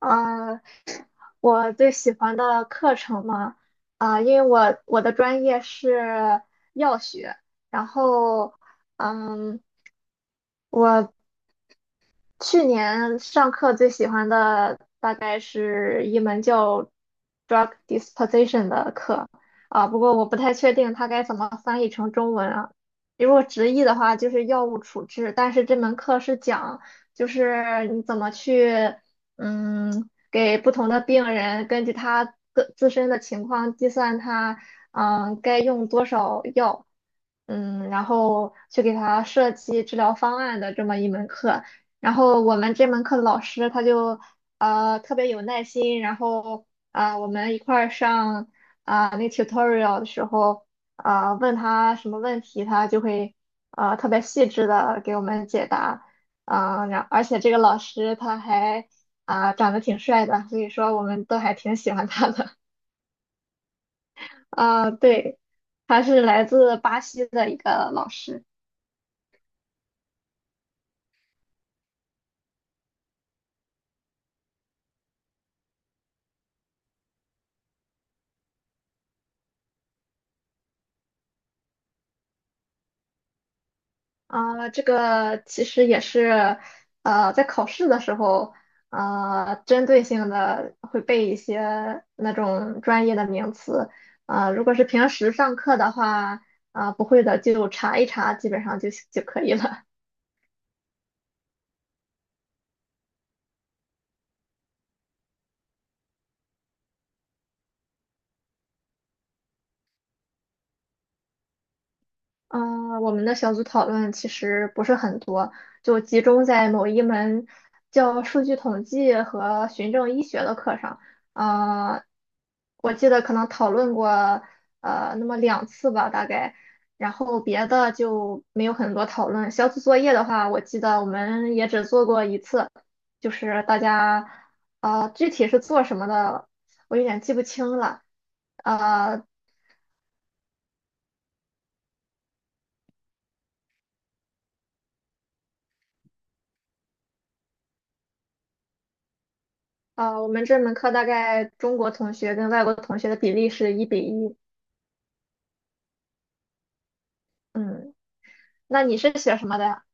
呃，我最喜欢的课程嘛，因为我的专业是药学。然后，嗯，我。去年上课最喜欢的大概是一门叫 drug disposition 的课啊，不过我不太确定它该怎么翻译成中文啊。如果直译的话，就是药物处置，但是这门课是讲就是你怎么去给不同的病人根据他的自身的情况计算他该用多少药。然后去给他设计治疗方案的这么一门课。我们这门课的老师他就特别有耐心，然后我们一块儿上那 tutorial 的时候问他什么问题，他就会特别细致的给我们解答。然而且这个老师他还长得挺帅的，所以说我们都还挺喜欢他的。 对，他是来自巴西的一个老师。这个其实也是，在考试的时候，针对性的会背一些那种专业的名词。如果是平时上课的话，不会的就查一查，基本上就可以了。我们的小组讨论其实不是很多，就集中在某一门叫数据统计和循证医学的课上。呃，我记得可能讨论过那么2次吧，大概。然后别的就没有很多讨论。小组作业的话，我记得我们也只做过一次，就是大家具体是做什么的，我有点记不清了。呃，我们这门课大概中国同学跟外国同学的比例是1:1。嗯，那你是学什么的呀？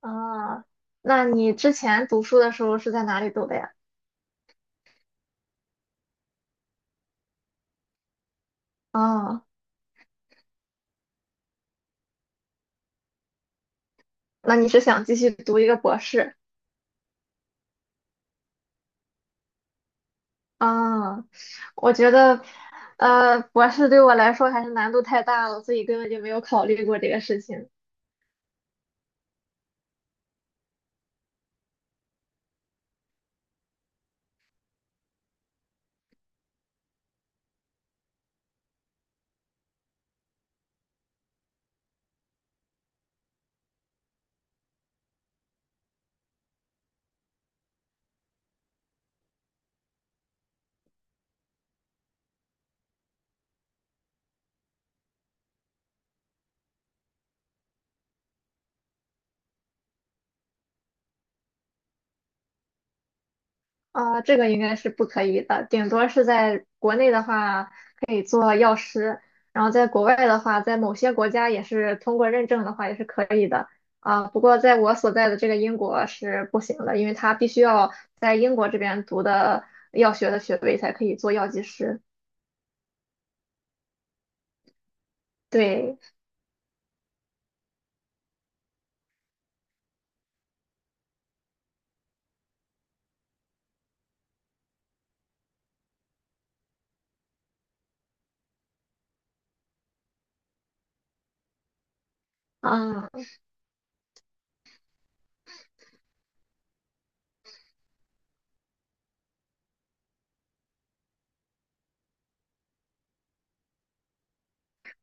啊，那你之前读书的时候是在哪里读的呀？啊，那你是想继续读一个博士？啊，我觉得，博士对我来说还是难度太大了，所以根本就没有考虑过这个事情。啊，这个应该是不可以的，顶多是在国内的话可以做药师，然后在国外的话，在某些国家也是通过认证的话也是可以的。啊，不过在我所在的这个英国是不行的，因为他必须要在英国这边读的药学的学位才可以做药剂师。对，啊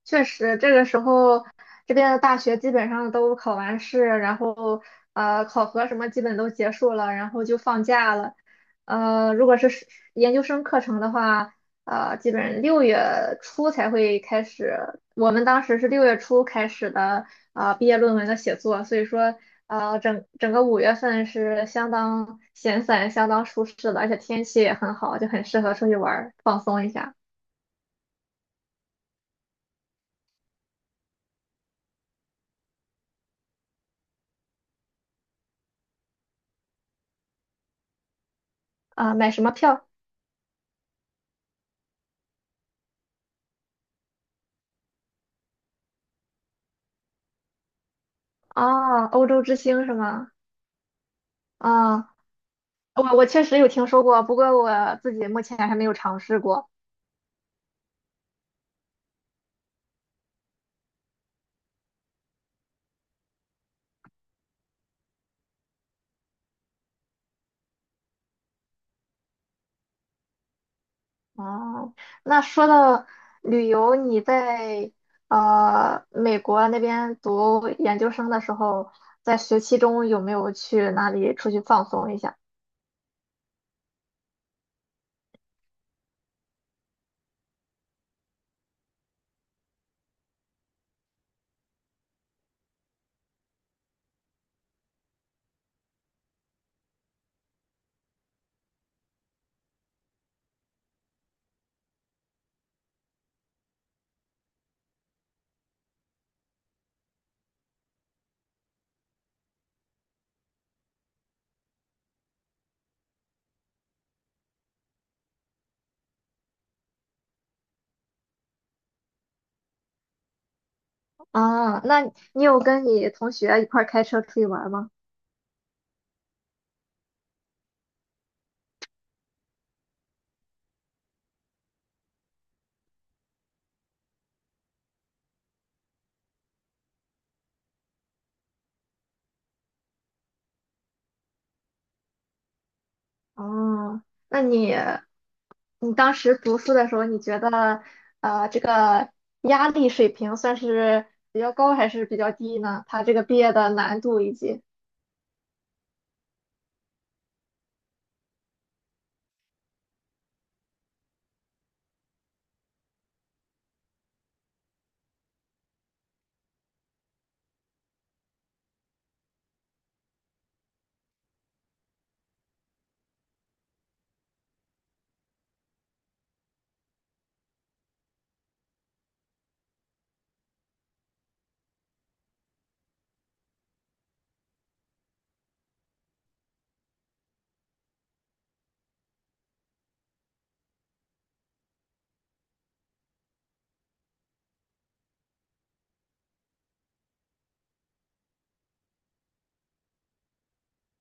确实，这个时候这边的大学基本上都考完试，然后考核什么基本都结束了，然后就放假了。如果是研究生课程的话，基本六月初才会开始。我们当时是六月初开始的毕业论文的写作，所以说整整个5月份是相当闲散、相当舒适的，而且天气也很好，就很适合出去玩儿放松一下。买什么票？哦，欧洲之星是吗？啊、我确实有听说过，不过我自己目前还没有尝试过。哦，那说到旅游，你在美国那边读研究生的时候，在学期中有没有去哪里出去放松一下？那你有跟你同学一块儿开车出去玩儿吗？哦，那你当时读书的时候，你觉得这个压力水平算是比较高还是比较低呢？它这个毕业的难度以及。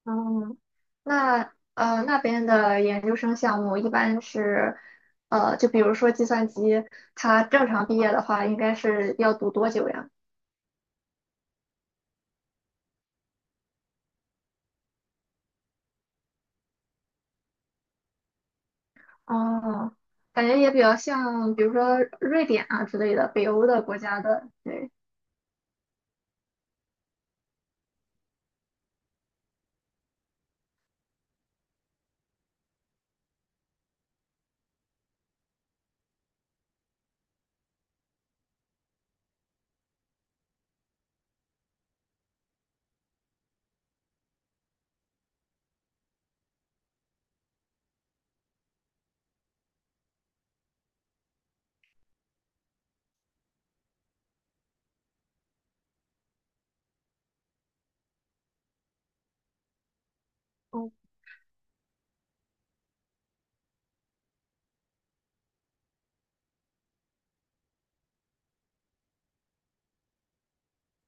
嗯，那那边的研究生项目一般是就比如说计算机，它正常毕业的话应该是要读多久呀？哦，感觉也比较像比如说瑞典啊之类的北欧的国家的，对。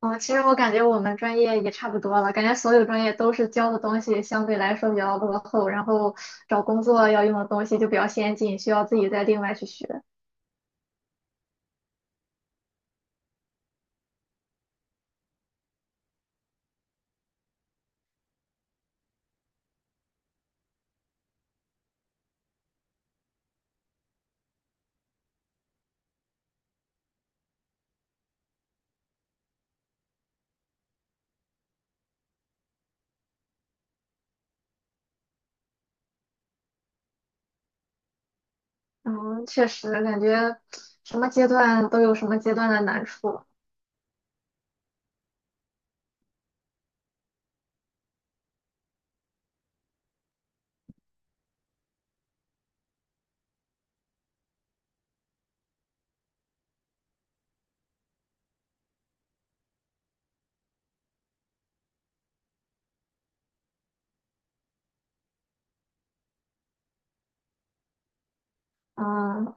哦，其实我感觉我们专业也差不多了，感觉所有专业都是教的东西相对来说比较落后，然后找工作要用的东西就比较先进，需要自己再另外去学。嗯，确实感觉什么阶段都有什么阶段的难处。嗯，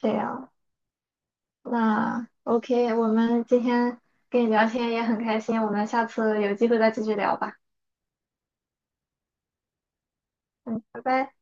这样。那 OK，我们今天跟你聊天也很开心，我们下次有机会再继续聊吧。嗯，拜拜。